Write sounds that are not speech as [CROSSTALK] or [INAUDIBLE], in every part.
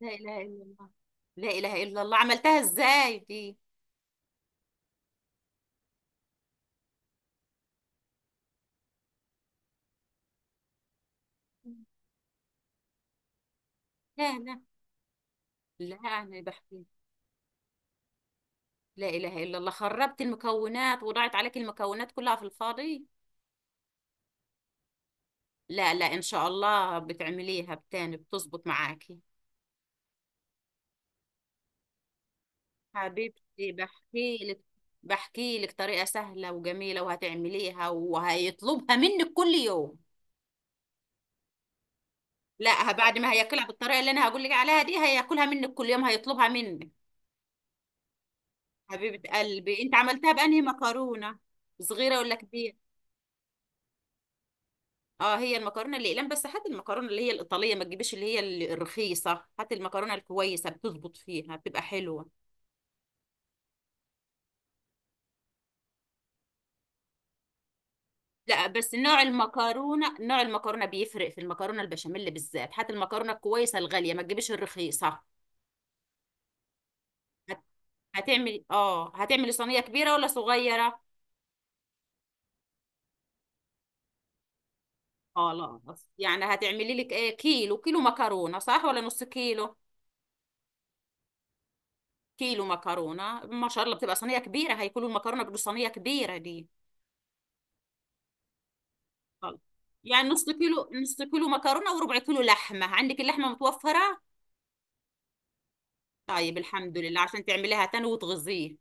لا إله إلا الله. لا إله إلا الله، عملتها إزاي دي؟ لا، لا، لا، أنا بحكي. لا إله إلا الله، خربت المكونات وضاعت عليك المكونات كلها في الفاضي. لا، لا، إن شاء الله بتعمليها بتاني بتظبط معاكي. حبيبتي، بحكي لك طريقة سهلة وجميلة وهتعمليها وهيطلبها منك كل يوم. لا، بعد ما هياكلها بالطريقة اللي أنا هقول لك عليها دي هياكلها منك كل يوم، هيطلبها منك. حبيبة قلبي، انت عملتها بأنهي مكرونة؟ صغيرة ولا كبيرة؟ اه، هي المكرونة الأقلام، بس هات المكرونة اللي هي الإيطالية، ما تجيبش اللي هي الرخيصة، هات المكرونة الكويسة بتظبط فيها بتبقى حلوة. لا بس نوع المكرونة، نوع المكرونة بيفرق في المكرونة البشاميل بالذات، هات المكرونة الكويسة الغالية ما تجيبش الرخيصة. هت- هتعملي صينية كبيرة ولا صغيرة؟ خلاص، يعني هتعملي لك ايه، كيلو كيلو مكرونة صح ولا نص كيلو؟ كيلو مكرونه ما شاء الله، بتبقى صينيه كبيره، هيكلوا المكرونه، بتبقى صينيه كبيره دي. خلاص. يعني نص كيلو مكرونه وربع كيلو لحمه، عندك اللحمه متوفره؟ طيب، الحمد لله، عشان تعمليها تاني وتغذيه.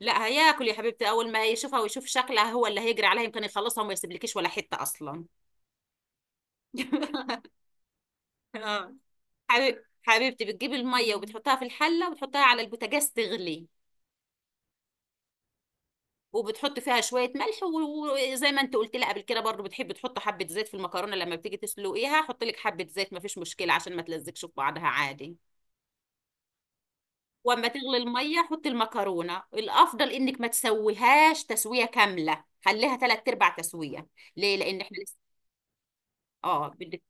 لا هياكل يا حبيبتي، اول ما يشوفها ويشوف شكلها هو اللي هيجري عليها، يمكن يخلصها وما يسيبلكيش ولا حته اصلا. [LAUGHS] آه. حبيبتي، بتجيبي الميه وبتحطها في الحله وبتحطها على البوتاجاز تغلي، وبتحط فيها شويه ملح، وزي ما انت قلت لي قبل كده برضو بتحب تحط حبه زيت في المكرونه، لما بتيجي تسلقيها حط لك حبه زيت، مفيش مشكله عشان ما تلزقش في بعضها عادي. واما تغلي الميه حط المكرونه، الافضل انك ما تسويهاش تسويه كامله، خليها ثلاث ارباع تسويه. ليه؟ لان احنا لسه اه بدك.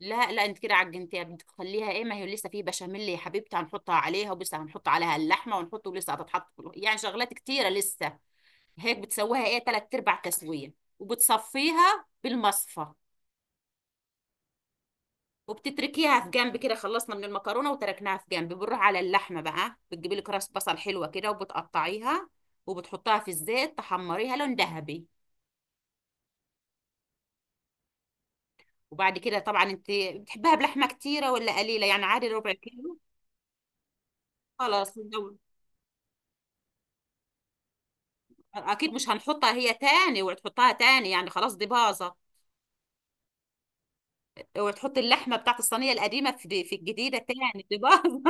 لا، لا، انت كده عجنتيها، بدك تخليها ايه؟ ما هي لسه في بشاميل يا حبيبتي، هنحطها عليها، ولسه هنحط عليها اللحمه ونحط، ولسه هتتحط في الوصفة. يعني شغلات كتيره لسه. هيك بتسويها ايه، تلات ارباع تسويه، وبتصفيها بالمصفى، وبتتركيها في جنب كده. خلصنا من المكرونه وتركناها في جنب، بنروح على اللحمه بقى، بتجيبي لك راس بصل حلوه كده وبتقطعيها وبتحطها في الزيت تحمريها لون ذهبي. وبعد كده طبعا انت بتحبها بلحمه كتيره ولا قليله؟ يعني عادي ربع كيلو. خلاص. اكيد مش هنحطها هي تاني وتحطها تاني، يعني خلاص دي باظه، وتحط اللحمه بتاعت الصينيه القديمه في الجديده تاني، دي باظه.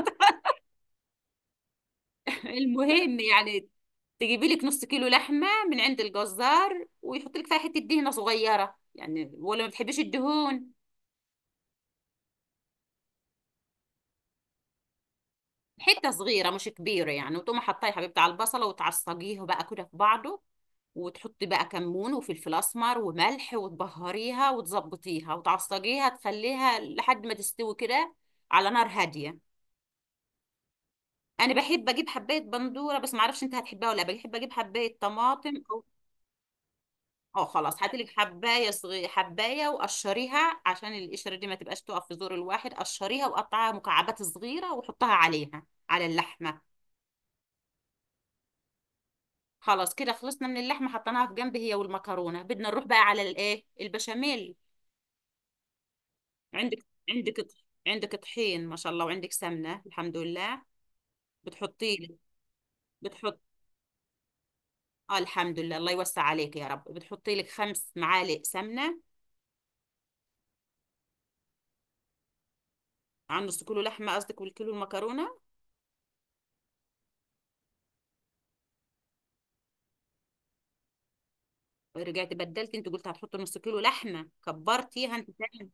المهم يعني تجيبي لك نص كيلو لحمة من عند الجزار، ويحط لك فيها حتة دهنة صغيرة، يعني ولا ما بتحبيش الدهون؟ حتة صغيرة مش كبيرة يعني، وتقوم حطيها يا حبيبتي على البصلة وتعصجيها بقى كده في بعضه، وتحطي بقى كمون وفلفل اسمر وملح، وتبهريها وتظبطيها وتعصجيها تخليها لحد ما تستوي كده على نار هادية. انا بحب اجيب حبايه بندوره، بس ما اعرفش انت هتحبها ولا لا، بحب اجيب حبايه طماطم. اه خلاص، هاتي لك حبايه صغيره، حبايه وقشريها عشان القشره دي ما تبقاش تقف في زور الواحد، قشريها وقطعها مكعبات صغيره وحطها عليها، على اللحمه. خلاص كده خلصنا من اللحمه، حطيناها في جنب هي والمكرونه، بدنا نروح بقى على الايه البشاميل. عندك، عندك طحين ما شاء الله، وعندك سمنه الحمد لله. بتحطي لك بتحط اه الحمد لله، الله يوسع عليك يا رب، بتحطي لك 5 معالق سمنه. عن نص كيلو لحمه قصدك، والكيلو المكرونه؟ رجعت بدلت، انت قلت هتحط نص كيلو لحمه، كبرتيها انت تاني.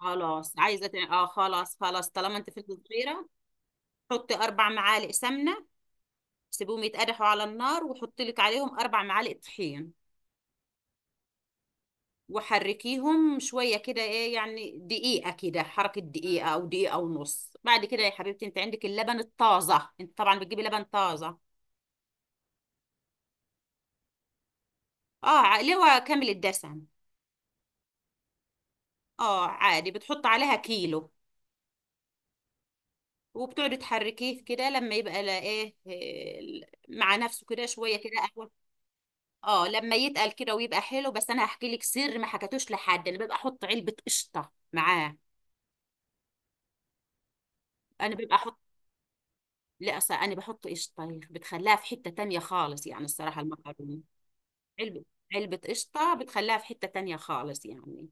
خلاص عايزه تاني. اه خلاص، خلاص طالما انت فلفل صغيره. حطي 4 معالق سمنه، سيبيهم يتقدحوا على النار، وحطي لك عليهم 4 معالق طحين، وحركيهم شويه كده، ايه يعني دقيقه كده، حركه دقيقه او دقيقه ونص. بعد كده يا حبيبتي، انت عندك اللبن الطازه؟ انت طبعا بتجيبي لبن طازه. اللي هو كامل الدسم. اه عادي، بتحط عليها كيلو، وبتقعدي تحركيه كده لما يبقى لاقاه، آه، مع نفسه كده شويه كده قهوه. اه، لما يتقل كده ويبقى حلو، بس انا هحكي لك سر ما حكيتوش لحد، انا ببقى احط علبه قشطه معاه. انا ببقى احط لا أصل انا بحط قشطه بتخليها في حته تانية خالص، يعني الصراحه المكرونه. علبه علبه قشطه بتخليها في حته تانية خالص يعني.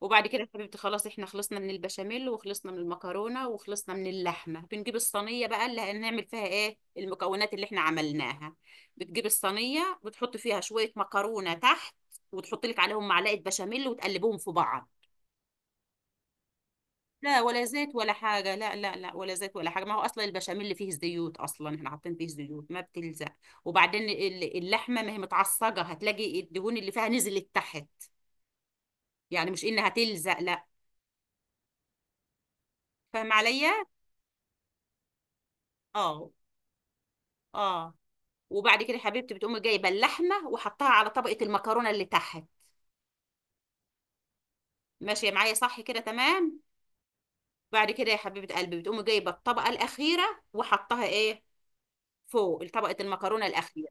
وبعد كده يا حبيبتي، خلاص احنا خلصنا من البشاميل وخلصنا من المكرونة وخلصنا من اللحمة، بنجيب الصينية بقى اللي هنعمل فيها ايه المكونات اللي احنا عملناها. بتجيب الصينية، بتحط فيها شوية مكرونة تحت وتحط لك عليهم معلقة بشاميل وتقلبهم في بعض. لا ولا زيت ولا حاجة، لا، لا، لا، ولا زيت ولا حاجة، ما هو أصلا البشاميل اللي فيه زيوت، أصلا احنا حاطين فيه زيوت ما بتلزق. وبعدين اللحمة ما هي متعصجة، هتلاقي الدهون اللي فيها نزلت تحت، يعني مش إنها تلزق لا. فاهم عليا؟ اه. اه. وبعد كده يا حبيبتي، بتقومي جايبه اللحمه وحطها على طبقه المكرونه اللي تحت. ماشيه معايا صح كده تمام. بعد كده يا حبيبه قلبي، بتقومي جايبه الطبقه الاخيره وحطها ايه، فوق طبقه المكرونه الاخيره.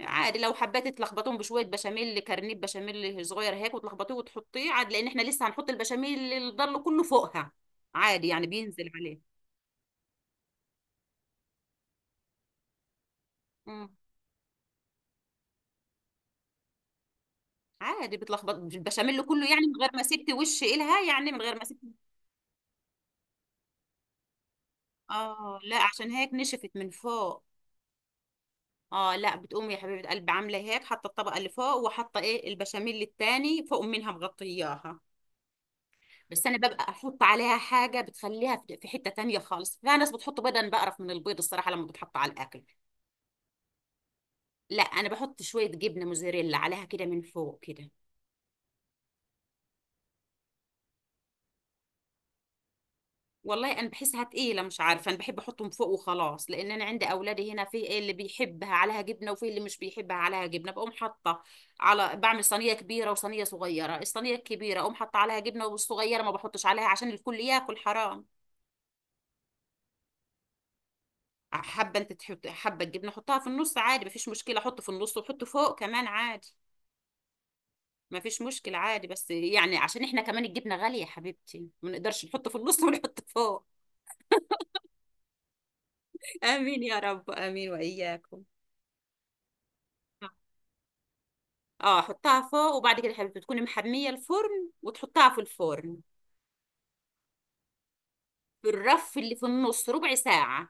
عادي لو حبيت تلخبطهم بشويه بشاميل، كرنيب بشاميل صغير هيك وتلخبطيه وتحطيه عادي، لان احنا لسه هنحط البشاميل اللي ضل كله فوقها عادي، يعني بينزل عليه. امم عادي بتلخبط البشاميل كله يعني، من غير ما سبت وش إلها، يعني من غير ما سبت. اه لا عشان هيك نشفت من فوق. اه لا، بتقوم يا حبيبه قلبي عامله هيك، حاطه الطبقه اللي فوق، وحاطه ايه البشاميل التاني فوق منها مغطياها. بس انا ببقى احط عليها حاجه بتخليها في حته تانية خالص، فيها ناس بتحط بيض، انا بقرف من البيض الصراحه لما بتحط على الاكل. لا، انا بحط شويه جبنه موزاريلا عليها كده من فوق كده. والله انا بحسها تقيله، مش عارفه، انا بحب احطهم فوق وخلاص، لان انا عندي اولادي هنا في إيه اللي بيحبها عليها جبنه وفي اللي مش بيحبها عليها جبنه، بقوم حاطه على بعمل صينيه كبيره وصينيه صغيره، الصينيه الكبيره اقوم حاطه عليها جبنه، والصغيره ما بحطش عليها عشان الكل ياكل حرام. حابه انت تحط، حابه الجبنه حطها في النص عادي مفيش مشكله، حط في النص وحط فوق كمان عادي. مفيش مشكله عادي، بس يعني عشان احنا كمان الجبنه غاليه يا حبيبتي ما نقدرش نحط في النص ونحط فوق. [LAUGHS] امين يا رب، امين واياكم. اه، حطها فوق، وبعد كده يا حبيبتي تكوني محميه الفرن وتحطها في الفرن، في الرف اللي في النص، ربع ساعه،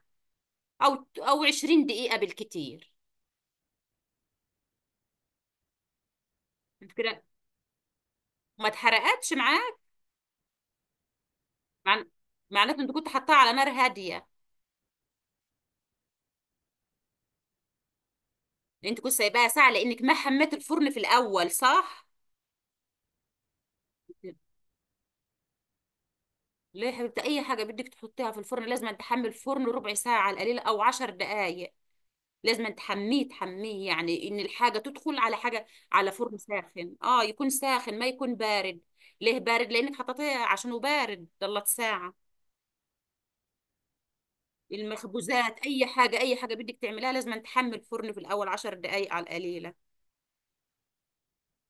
او او 20 دقيقه بالكتير. كده ما اتحرقتش معاك. مع... معناته انت كنت حطاها على نار هاديه. يعني انت كنت سايباها ساعه، لانك ما حميت الفرن في الاول صح؟ ليه يا حبيبتي، اي حاجه بدك تحطيها في الفرن لازم تحمي الفرن ربع ساعه على القليل، او 10 دقائق، لازم تحميه، تحميه يعني ان الحاجه تدخل على حاجه، على فرن ساخن، اه يكون ساخن ما يكون بارد. ليه بارد؟ لانك حطيتيه عشانه بارد ضلت ساعه. المخبوزات اي حاجه، اي حاجه بدك تعمليها لازم تحمي الفرن في الاول 10 دقائق على القليله.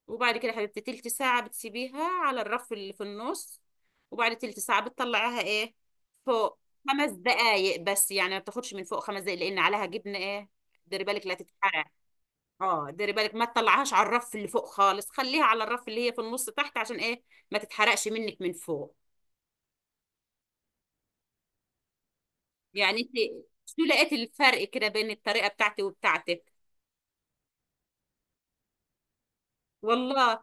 وبعد كده يا حبيبتي تلت ساعه بتسيبيها على الرف اللي في النص، وبعد تلت ساعه بتطلعيها ايه، فوق. خمس دقائق بس يعني، ما بتاخدش من فوق خمس دقائق، لان عليها جبنه ايه، ديري بالك لا تتحرق. اه ديري بالك، ما تطلعهاش على الرف اللي فوق خالص، خليها على الرف اللي هي في النص تحت، عشان ايه؟ ما تتحرقش منك من فوق. يعني انت شو لقيت الفرق كده بين الطريقة بتاعتي وبتاعتك؟ والله.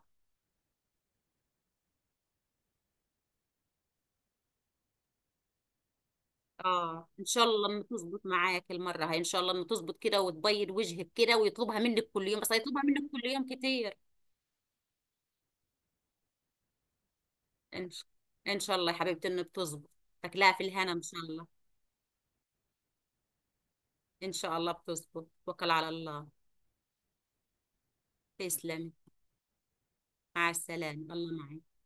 اه، ان شاء الله انه تظبط معاك المرة هاي، ان شاء الله انه تظبط كده وتبيض وجهك كده، ويطلبها منك كل يوم، بس هيطلبها منك كل يوم كتير. ان شاء ان شاء الله يا حبيبتي انه بتظبط، تاكلها في الهنا ان شاء الله. ان شاء الله بتظبط، توكل على الله. تسلمي، مع السلامة، الله معك.